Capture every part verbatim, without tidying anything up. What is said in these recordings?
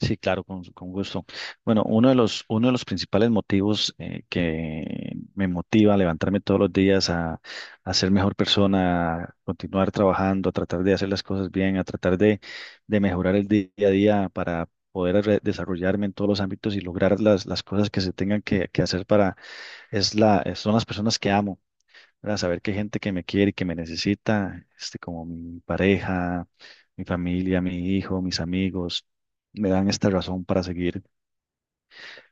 Sí, claro, con, con gusto. Bueno, uno de los, uno de los principales motivos, eh, que me motiva a levantarme todos los días a, a ser mejor persona, a continuar trabajando, a tratar de hacer las cosas bien, a tratar de, de mejorar el día a día para poder re- desarrollarme en todos los ámbitos y lograr las, las cosas que se tengan que, que hacer para, es la, son las personas que amo, ¿verdad? Saber que hay gente que me quiere y que me necesita, este, como mi pareja, mi familia, mi hijo, mis amigos, me dan esta razón para seguir.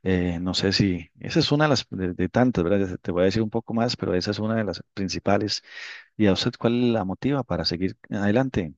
Eh, no sé si, esa es una de las de, de tantas, ¿verdad? Ya te voy a decir un poco más, pero esa es una de las principales. ¿Y a usted cuál la motiva para seguir adelante?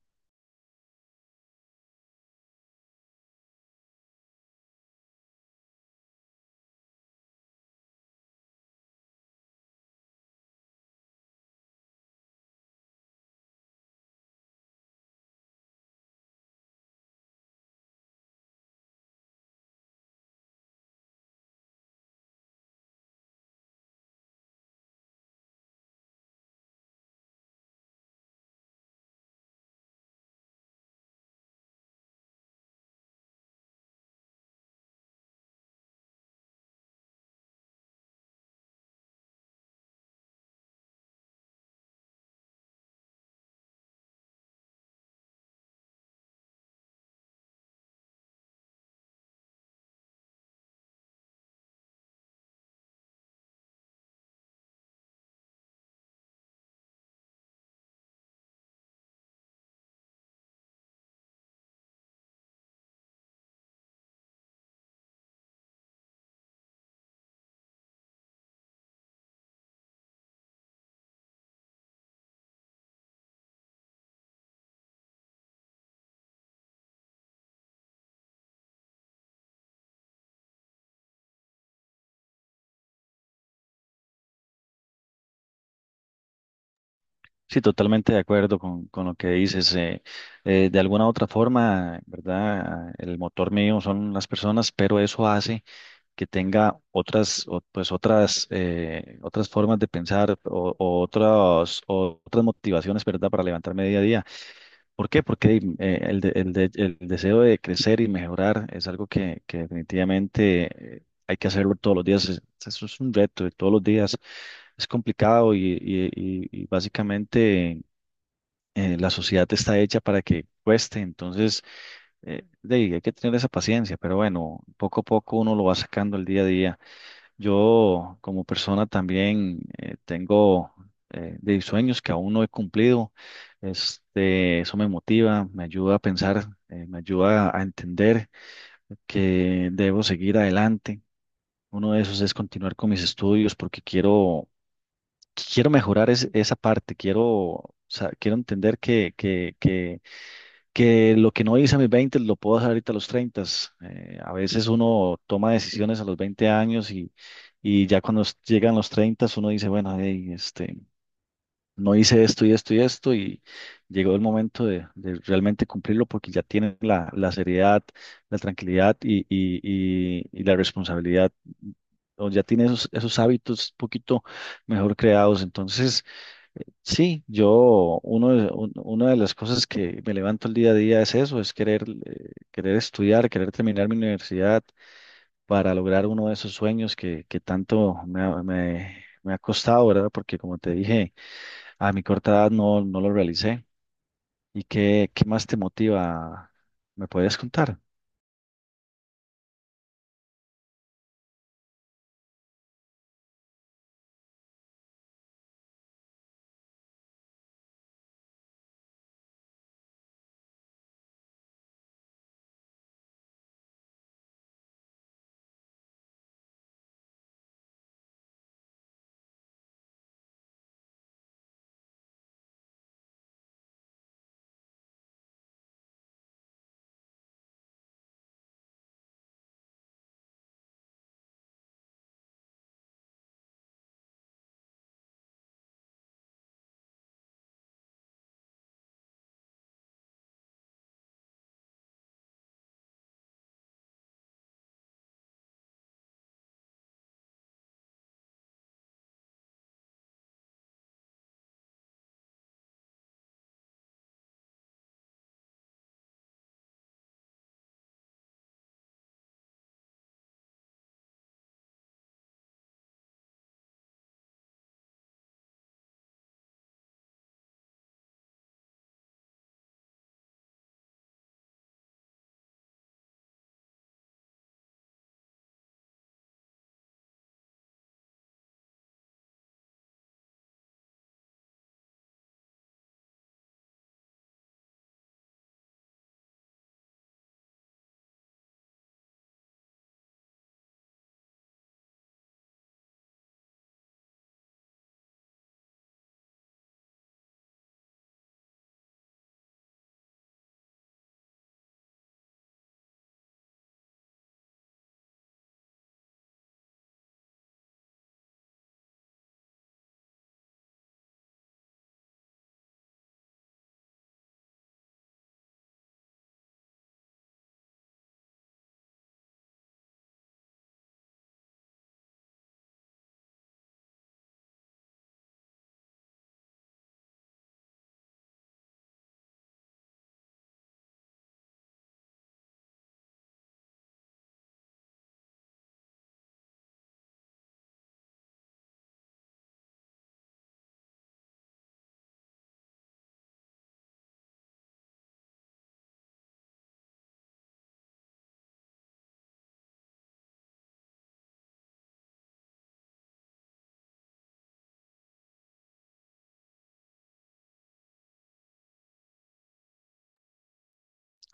Sí, totalmente de acuerdo con, con lo que dices. Eh, eh, de alguna u otra forma, ¿verdad? El motor mío son las personas, pero eso hace que tenga otras, o- pues otras, eh, otras formas de pensar o, o otras, o otras motivaciones, ¿verdad? Para levantarme día a día. ¿Por qué? Porque eh, el, de- el de- el deseo de crecer y mejorar es algo que, que definitivamente, eh, hay que hacerlo todos los días. Es- Eso es un reto de todos los días. Es complicado y, y- y- y básicamente, eh, la sociedad está hecha para que cueste. Entonces, eh, de ahí hay que tener esa paciencia, pero bueno, poco a poco uno lo va sacando el día a día. Yo como persona también, eh, tengo, eh, de sueños que aún no he cumplido. Este, eso me motiva, me ayuda a pensar, eh, me ayuda a entender que debo seguir adelante. Uno de esos es continuar con mis estudios porque quiero, quiero mejorar es- esa parte, quiero, sa- quiero entender que, que lo que no hice a mis veinte lo puedo hacer ahorita a los treinta. Eh, a veces uno toma decisiones a los veinte años y, y ya cuando s- llegan los treinta, uno dice, bueno, hey, este, no hice esto y esto y esto y llegó el momento de, de realmente cumplirlo porque ya tiene la, la seriedad, la tranquilidad y, y, y, y la responsabilidad. O ya tiene esos, esos hábitos un poquito mejor creados. Entonces, sí, yo, uno, de- un- una de las cosas que me levanto el día a día es eso, es querer, eh, querer estudiar, querer terminar mi universidad para lograr uno de esos sueños que, que tanto me, ha- me, me ha costado, ¿verdad? Porque como te dije, a mi corta edad, no, no lo realicé. ¿Y qué, qué más te motiva? ¿Me puedes contar?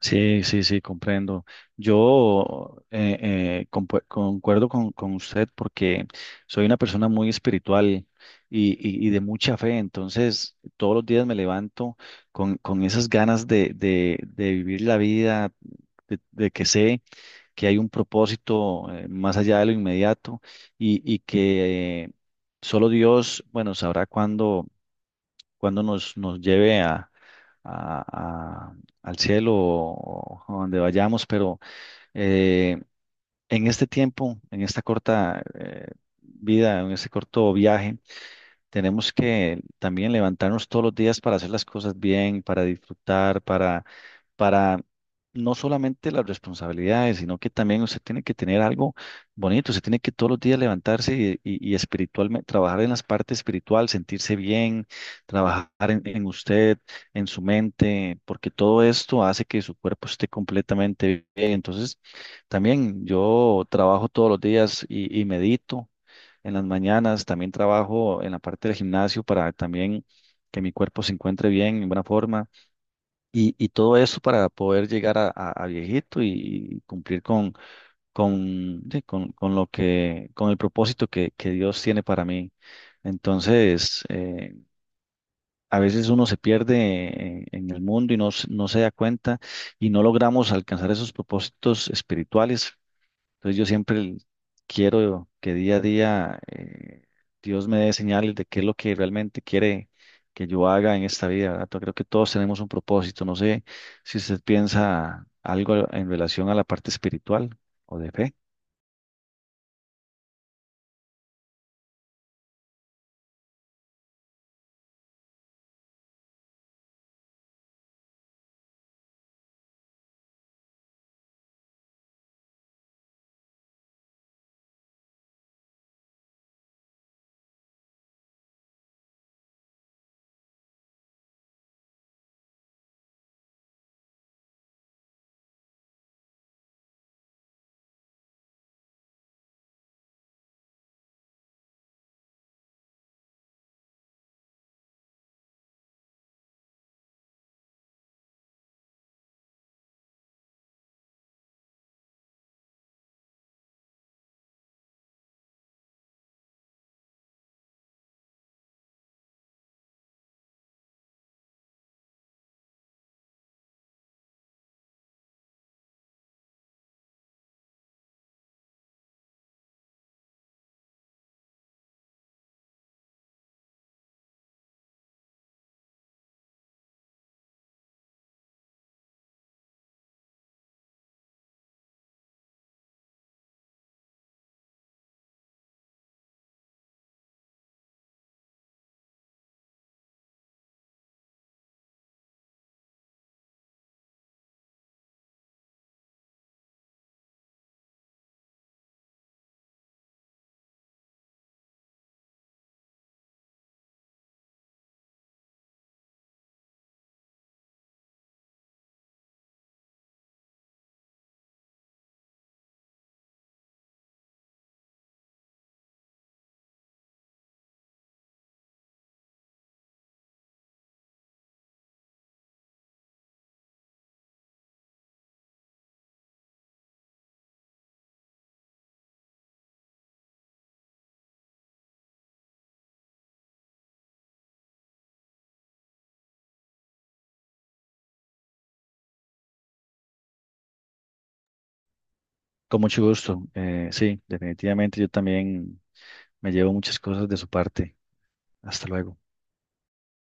Sí, sí, sí, comprendo. Yo, eh, eh, compu- concuerdo con, con usted porque soy una persona muy espiritual y, y- y de mucha fe, entonces todos los días me levanto con, con esas ganas de, de- de vivir la vida, de, de que sé que hay un propósito, eh, más allá de lo inmediato y, y que, eh, solo Dios, bueno, sabrá cuándo cuando nos, nos lleve a, a- a- al cielo o, o donde vayamos, pero, eh, en este tiempo, en esta corta, eh, vida, en este corto viaje, tenemos que también levantarnos todos los días para hacer las cosas bien, para disfrutar, para, para no solamente las responsabilidades, sino que también usted tiene que tener algo bonito, usted tiene que todos los días levantarse y, y, y espiritualmente, trabajar en las partes espiritual, sentirse bien, trabajar en, en usted, en su mente, porque todo esto hace que su cuerpo esté completamente bien. Entonces, también yo trabajo todos los días y, y medito en las mañanas, también trabajo en la parte del gimnasio para también que mi cuerpo se encuentre bien, en buena forma, y, y todo eso para poder llegar a, a- a viejito y, y cumplir con, con, sí, con, con lo que, con el propósito que, que Dios tiene para mí. Entonces, eh, a veces uno se pierde en, en el mundo y no, se- no se da cuenta y no logramos alcanzar esos propósitos espirituales, entonces yo siempre quiero que día a día, eh, Dios me dé señales de qué es lo que realmente quiere que yo haga en esta vida, ¿verdad? Pero creo que todos tenemos un propósito. No sé si usted piensa algo en relación a la parte espiritual o de fe. Con mucho gusto. Eh, sí, definitivamente yo también me llevo muchas cosas de su parte. Hasta luego.